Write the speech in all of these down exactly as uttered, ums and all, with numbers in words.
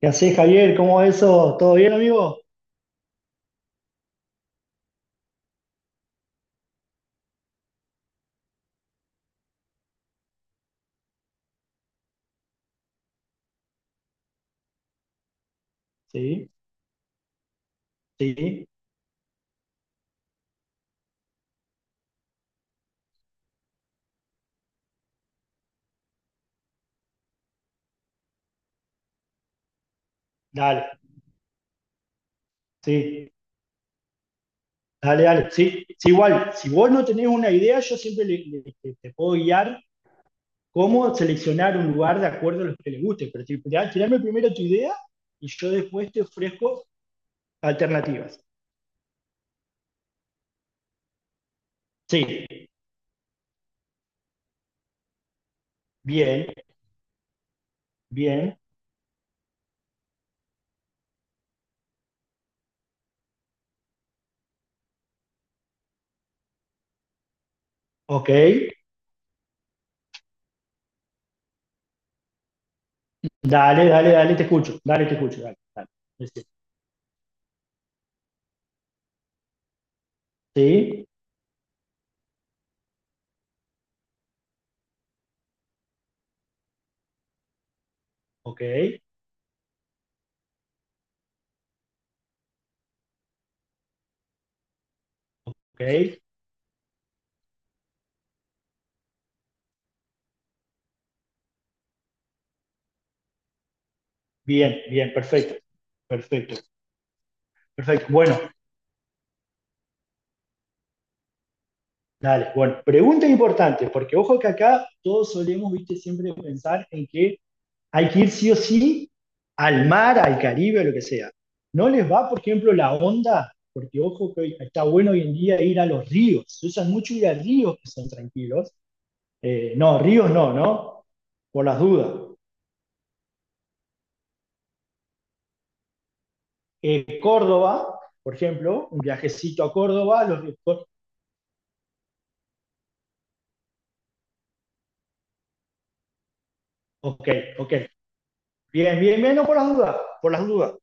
¿Qué haces, Javier? ¿Cómo va eso? ¿Todo bien, amigo? Sí, sí, dale, sí, dale, dale. Sí, sí, igual, si vos no tenés una idea, yo siempre le- le- te, te puedo guiar cómo seleccionar un lugar de acuerdo a lo que le guste, pero ti- tirá- tirame primero tu idea y yo después te ofrezco alternativas. Sí, bien, bien, ok, dale, dale, dale, te escucho, dale, te escucho, dale, dale. Sí, ok, ok, bien, bien, perfecto. Perfecto. Perfecto. Bueno, dale. Bueno, pregunta importante, porque ojo que acá todos solemos, viste, siempre pensar en que hay que ir sí o sí al mar, al Caribe, lo que sea. ¿No les va, por ejemplo, la onda? Porque ojo que hoy- está bueno hoy en día ir a los ríos. Se usan mucho ir a ríos que son tranquilos. Eh, no, ríos no, ¿no? Por las dudas. Eh, Córdoba, por ejemplo, un viajecito a Córdoba, los ríos. Có- Ok, ok. Bien, bien, bien, no por las dudas, por las dudas.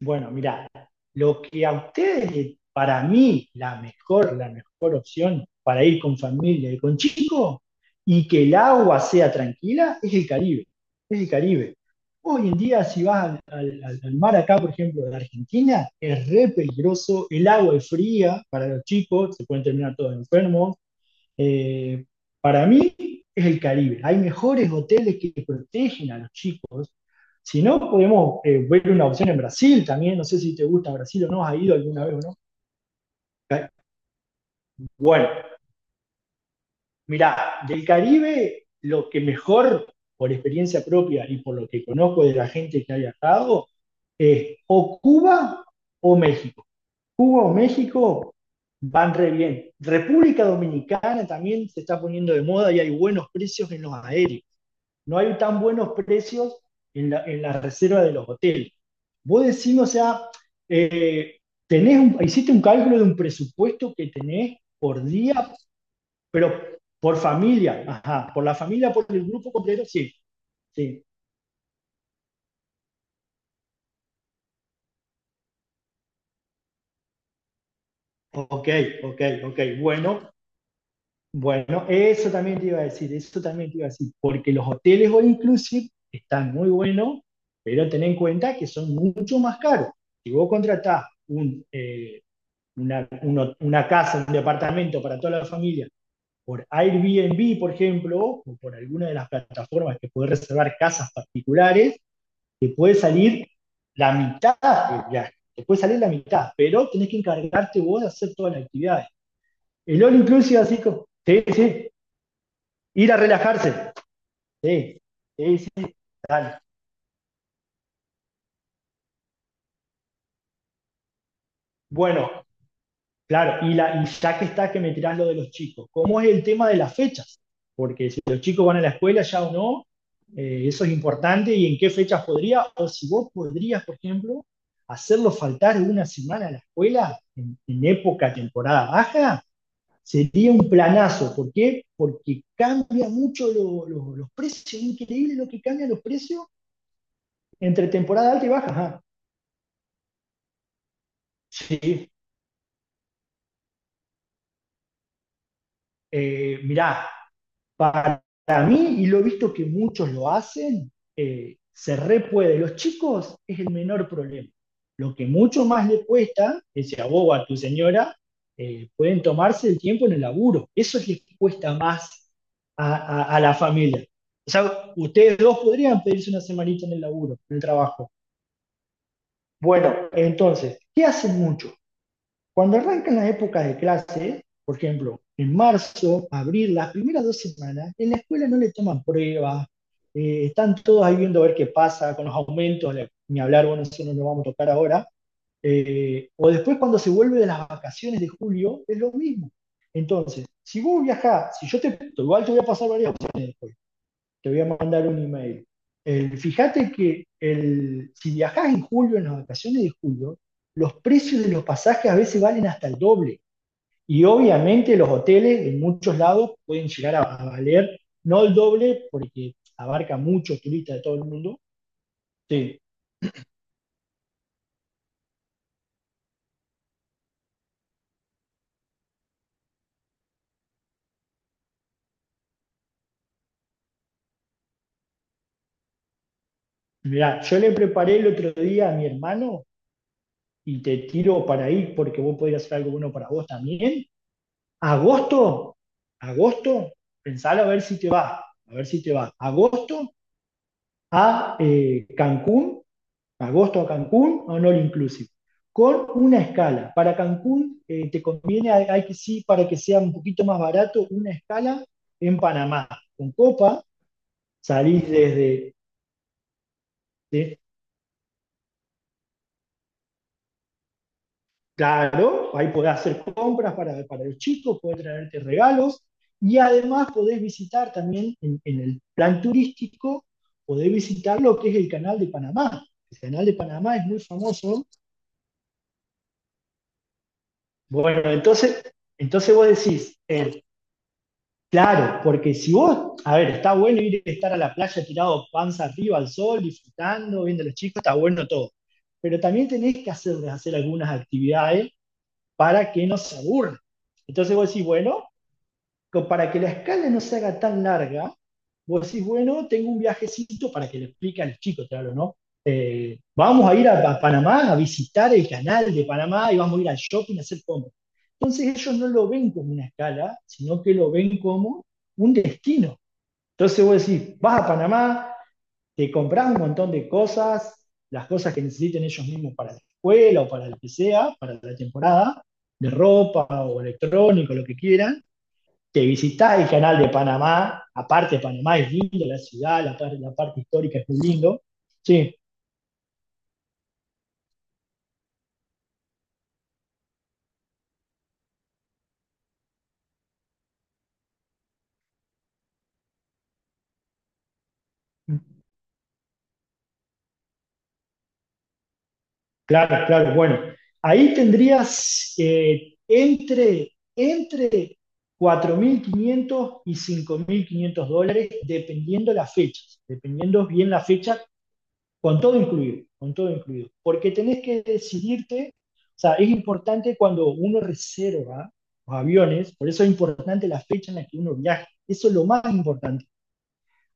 Bueno, mira, lo que a ustedes, le- para mí, la mejor, la mejor opción para ir con familia y con chicos y que el agua sea tranquila es el Caribe, es el Caribe. Hoy en día, si vas al, al- al- al mar acá, por ejemplo, de Argentina, es re peligroso, el agua es fría para los chicos, se pueden terminar todos enfermos, eh, para mí es el Caribe. Hay mejores hoteles que protegen a los chicos. Si no, podemos eh, ver una opción en Brasil también. No sé si te gusta Brasil o no, has ido alguna vez o no. Bueno, mirá, del Caribe lo que mejor, por experiencia propia y por lo que conozco de la gente que ha viajado, es o Cuba o México. Cuba o México van re bien. República Dominicana también se está poniendo de moda y hay buenos precios en los aéreos. No hay tan buenos precios en la, en la reserva de los hoteles. Vos decís, o sea, eh, tenés un- hiciste un cálculo de un presupuesto que tenés por día, pero por familia, ajá, por la familia, por el grupo completo, sí, sí. Ok, ok, ok, bueno, bueno, eso también te iba a decir, eso también te iba a decir, porque los hoteles all inclusive están muy buenos, pero ten en cuenta que son mucho más caros. Si vos contratás un, eh, una, uno, una casa, un departamento para toda la familia por Airbnb, por ejemplo, o por alguna de las plataformas que puede reservar casas particulares, te puede salir la mitad, ya, te puede salir la mitad, pero tenés que encargarte vos de hacer todas las actividades. El all inclusive, así como, sí, sí, ir a relajarse, sí, sí, sí, dale. Bueno, claro, y, la, y ya que está que me tirás lo de los chicos, ¿cómo es el tema de las fechas? Porque si los chicos van a la escuela ya o no, eh, eso es importante y en qué fechas podría, o si vos podrías, por ejemplo, hacerlo faltar una semana a la escuela en, en época temporada baja, sería un planazo. ¿Por qué? Porque cambia mucho lo, lo, los precios, increíble lo que cambian los precios entre temporada alta y baja. Ajá. Sí, eh, mirá, para mí, y lo he visto que muchos lo hacen, eh, se re puede. Los chicos es el menor problema. Lo que mucho más le cuesta, que sea vos o a tu señora, eh, pueden tomarse el tiempo en el laburo. Eso es lo que cuesta más a, a, a, la familia. O sea, ustedes dos podrían pedirse una semanita en el laburo, en el trabajo. Bueno, entonces, ¿qué hacen mucho? Cuando arrancan las épocas de clase, por ejemplo, en marzo, abril, las primeras dos semanas, en la escuela no le toman pruebas, eh, están todos ahí viendo a ver qué pasa con los aumentos, ni hablar, bueno, eso no lo vamos a tocar ahora. Eh, o después cuando se vuelve de las vacaciones de julio, es lo mismo. Entonces, si vos viajás, si yo te, igual te voy a pasar varias opciones, te voy a mandar un email. El, fíjate que el, si viajás en julio, en las vacaciones de julio, los precios de los pasajes a veces valen hasta el doble. Y obviamente los hoteles en muchos lados pueden llegar a, a valer, no el doble, porque abarca muchos turistas de todo el mundo. Sí. Mirá, yo le preparé el otro día a mi hermano y te tiro para ahí porque vos podés hacer algo bueno para vos también. Agosto, agosto, pensalo a ver si te va, a ver si te va. Agosto a eh, Cancún, agosto a Cancún, o no all inclusive, con una escala. Para Cancún eh, te conviene, hay, hay que sí, para que sea un poquito más barato, una escala en Panamá. Con Copa salís desde, de- claro, ahí podés hacer compras para, para los chicos, podés traerte regalos y además podés visitar también en, en el plan turístico, podés visitar lo que es el canal de Panamá. El canal de Panamá es muy famoso. Bueno, entonces, entonces, vos decís, eh, claro, porque si vos, a ver, está bueno ir a estar a la playa tirado panza arriba al sol, disfrutando, viendo a los chicos, está bueno todo. Pero también tenés que hacerles hacer algunas actividades para que no se aburran. Entonces vos decís, bueno, co- para que la escala no se haga tan larga, vos decís, bueno, tengo un viajecito para que le explique a los chicos, claro, ¿no? Eh, vamos a ir a, a Panamá a visitar el canal de Panamá y vamos a ir al shopping a hacer compras. Entonces ellos no lo ven como una escala, sino que lo ven como un destino. Entonces vos decís, vas a Panamá, te compras un montón de cosas, las cosas que necesiten ellos mismos para la escuela o para lo que sea, para la temporada, de ropa o electrónico, lo que quieran, te visitás el canal de Panamá, aparte Panamá es lindo, la ciudad, la, la parte histórica es muy lindo. Sí, claro, claro, bueno. Ahí tendrías eh, entre, entre cuatro mil quinientos y cinco mil quinientos dólares, dependiendo las fechas, dependiendo bien la fecha. Con todo incluido, con todo incluido. Porque tenés que decidirte, o sea, es importante cuando uno reserva los aviones, por eso es importante la fecha en la que uno viaja. Eso es lo más importante.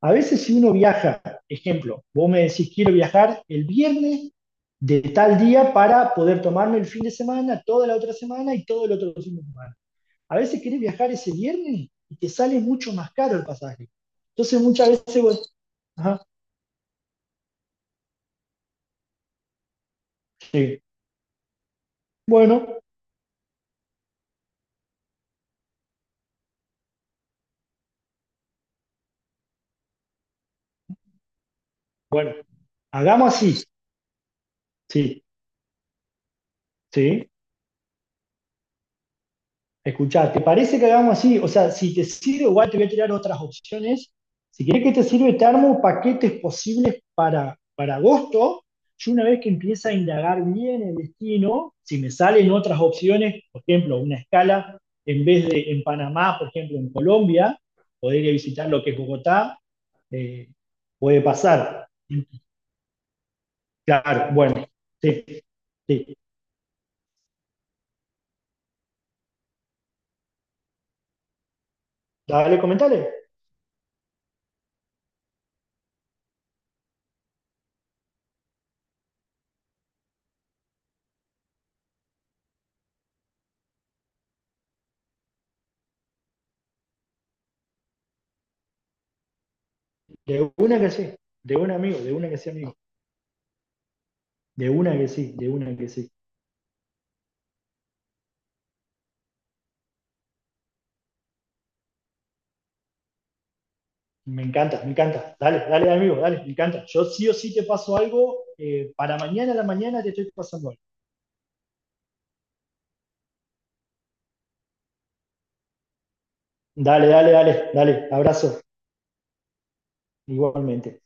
A veces si uno viaja, ejemplo, vos me decís quiero viajar el viernes de tal día para poder tomarme el fin de semana, toda la otra semana y todo el otro fin de semana. A veces querés viajar ese viernes y te sale mucho más caro el pasaje. Entonces muchas veces vos, ajá, sí. bueno, Bueno, hagamos así, sí, sí. Escuchá, ¿te parece que hagamos así? O sea, si te sirve, igual te voy a tirar otras opciones. Si querés que te sirve, te armo paquetes posibles para, para agosto. Yo una vez que empieza a indagar bien el destino, si me salen otras opciones, por ejemplo, una escala, en vez de en Panamá, por ejemplo, en Colombia, poder ir a visitar lo que es Bogotá, eh, puede pasar. Claro, bueno, sí, sí. Dale, comentale. De una que sí, de un amigo, de una que sí, amigo. De una que sí, de una que sí. Me encanta, me encanta. Dale, dale, amigo, dale, me encanta. Yo sí o sí te paso algo. Eh, para mañana a la mañana te estoy pasando algo. Dale, dale, dale, dale. Abrazo, igualmente.